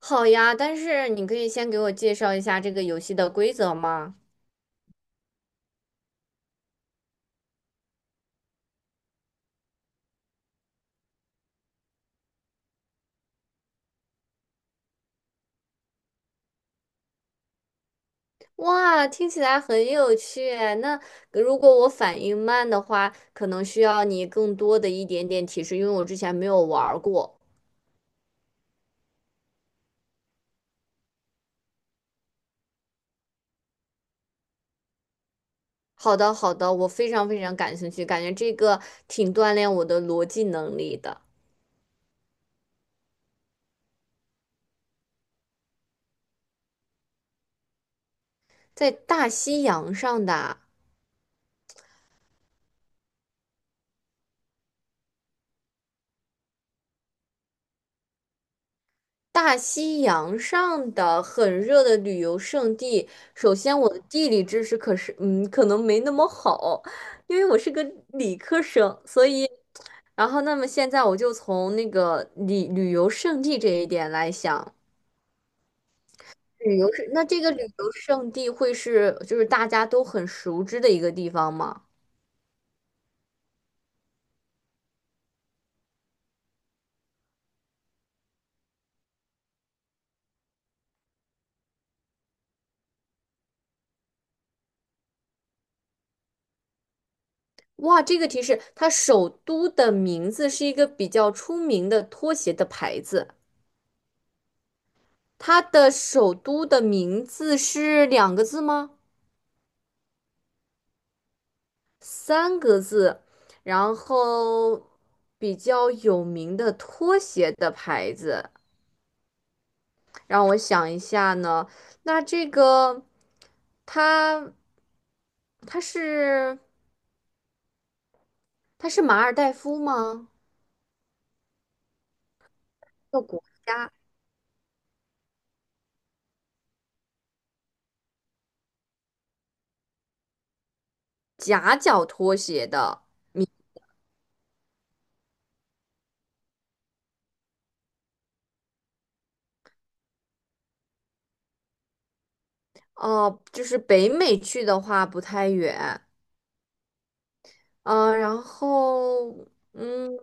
好呀，但是你可以先给我介绍一下这个游戏的规则吗？哇，听起来很有趣诶那如果我反应慢的话，可能需要你更多的一点点提示，因为我之前没有玩儿过。好的，好的，我非常非常感兴趣，感觉这个挺锻炼我的逻辑能力的。在大西洋上的啊大西洋上的很热的旅游胜地，首先我的地理知识可是，嗯，可能没那么好，因为我是个理科生，所以，然后那么现在我就从那个旅游胜地这一点来想，旅游是，那这个旅游胜地会是就是大家都很熟知的一个地方吗？哇，这个提示，它首都的名字是一个比较出名的拖鞋的牌子。它的首都的名字是两个字吗？三个字。然后比较有名的拖鞋的牌子，让我想一下呢。那这个，它它它是马尔代夫吗？这个国家夹脚拖鞋的名哦，就是北美去的话不太远。然后嗯。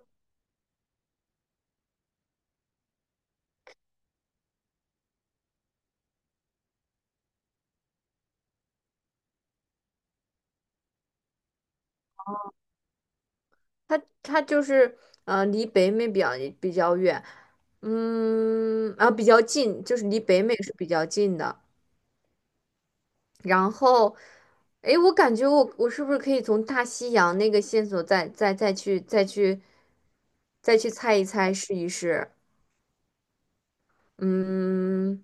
它它就是呃，离北美比较比较远，嗯，啊，比较近，就是离北美是比较近的。然后，诶，我感觉我是不是可以从大西洋那个线索再去猜一猜试一试？嗯，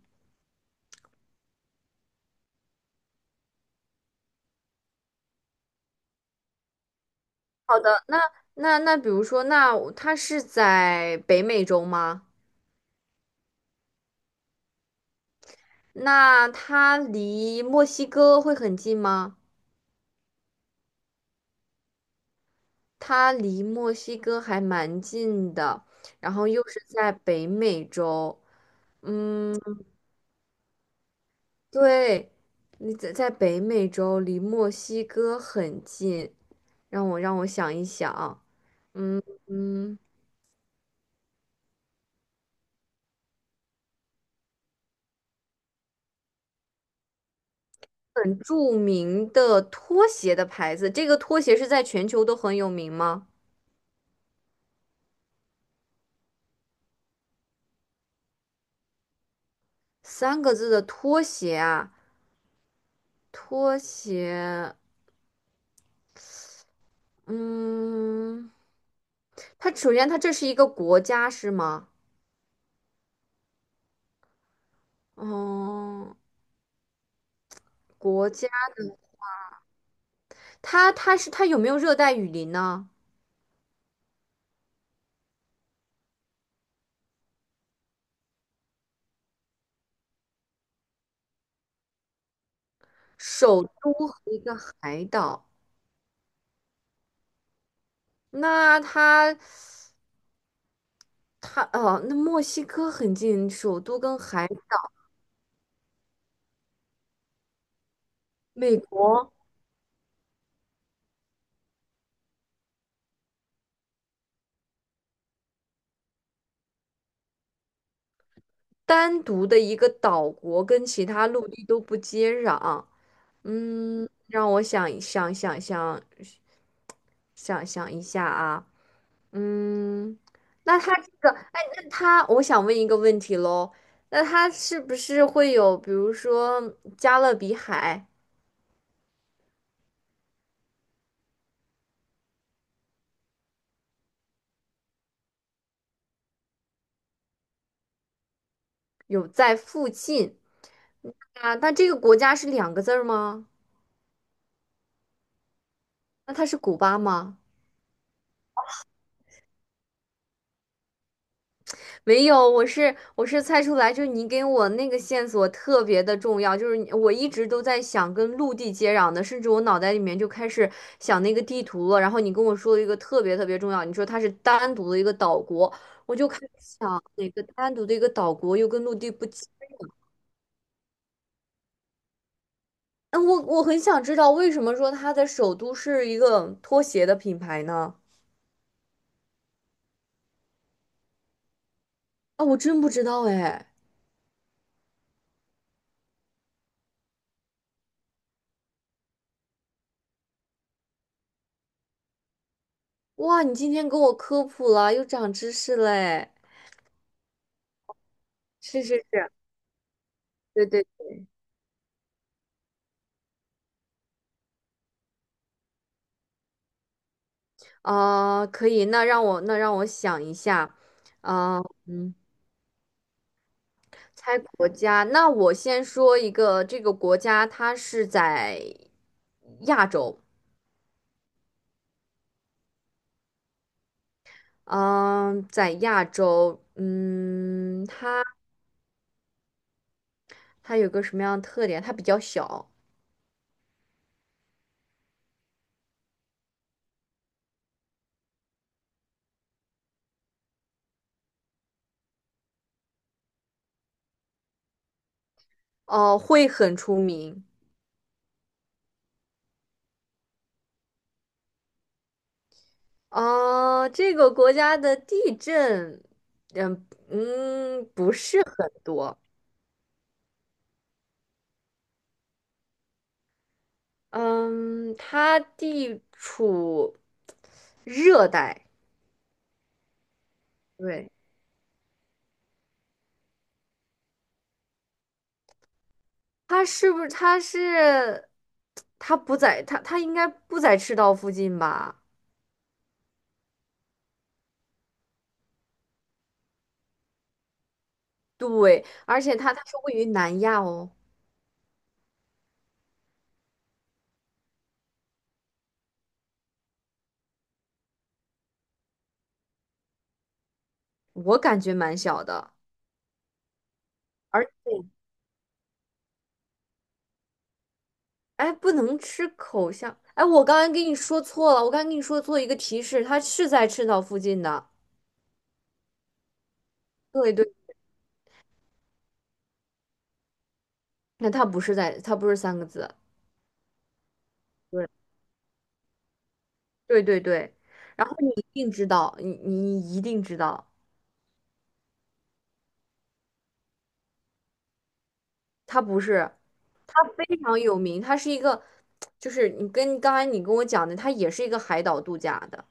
那那比如说，那我它是在北美洲吗？那它离墨西哥会很近吗？它离墨西哥还蛮近的，然后又是在北美洲。嗯，对，你在在北美洲，离墨西哥很近。让我想一想，嗯嗯，很著名的拖鞋的牌子，这个拖鞋是在全球都很有名吗？三个字的拖鞋啊，拖鞋，嗯，它首先这是一个国家是吗？哦，国家的，它有没有热带雨林呢？首都和一个海岛，那它它哦，那墨西哥很近，首都跟海岛，美国单独的一个岛国跟其他陆地都不接壤。嗯，让我想一下啊，嗯，那他这个，哎，那他，我想问一个问题喽，那他是不是会有，比如说加勒比海有在附近啊？那这个国家是两个字儿吗？那它是古巴吗？没有，我是猜出来，就是你给我那个线索特别的重要，就是你我一直都在想跟陆地接壤的，甚至我脑袋里面就开始想那个地图了。然后你跟我说了一个特别特别重要，你说它是单独的一个岛国，我就开始想哪个单独的一个岛国又跟陆地不接。嗯，我很想知道为什么说它的首都是一个拖鞋的品牌呢？啊，我真不知道哎。哇，你今天给我科普了，又长知识嘞！是是是，对对可以，那让我想一下，啊，嗯，猜国家，那我先说一个，这个国家它是在亚洲，嗯、在亚洲，嗯，它有个什么样的特点？它比较小，哦、会很出名，哦、这个国家的地震，嗯嗯，不是很多，嗯，它地处热带。对，他是不是他是他不在他他应该不在赤道附近吧？对，而且它是位于南亚哦，我感觉蛮小的，而且哎不能吃口香，哎我刚才跟你说错了，我刚才跟你说做一个提示，它是在赤道附近的，对对，那它不是三个字，对对，然后你一定知道，你一定知道。它不是，它非常有名，它是一个，就是你跟刚才你跟我讲的，它也是一个海岛度假的。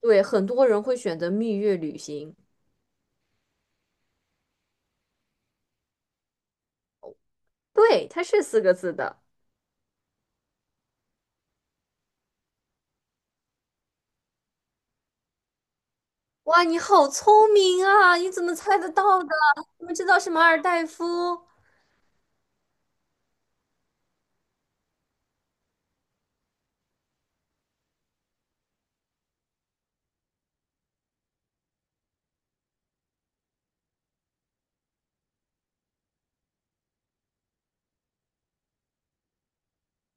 对，很多人会选择蜜月旅行。对，它是四个字的。哇，你好聪明啊！你怎么猜得到的？你们知道是马尔代夫？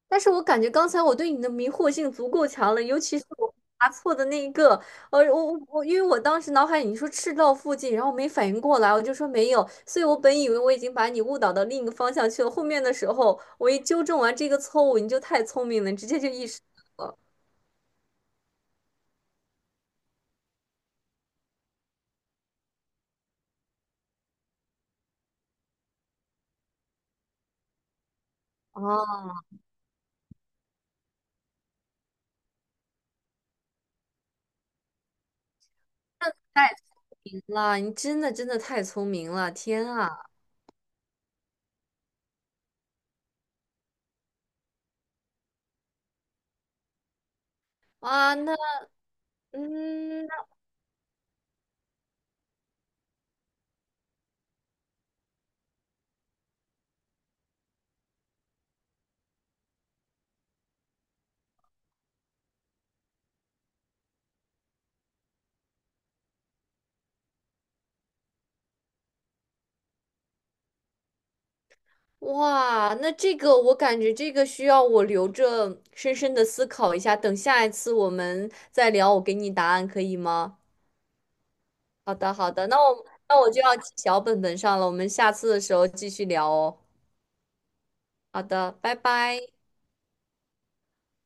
但是我感觉刚才我对你的迷惑性足够强了，尤其是我答错的那一个，我，因为我当时脑海里你说赤道附近，然后没反应过来，我就说没有，所以我本以为我已经把你误导到另一个方向去了。后面的时候，我一纠正完这个错误，你就太聪明了，你直接就意识哦，太神了，你真的真的太聪明了，天啊啊，那嗯。哇，那这个我感觉这个需要我留着深深的思考一下，等下一次我们再聊，我给你答案可以吗？好的，好的，那我就要记小本本上了，我们下次的时候继续聊哦。好的，拜拜。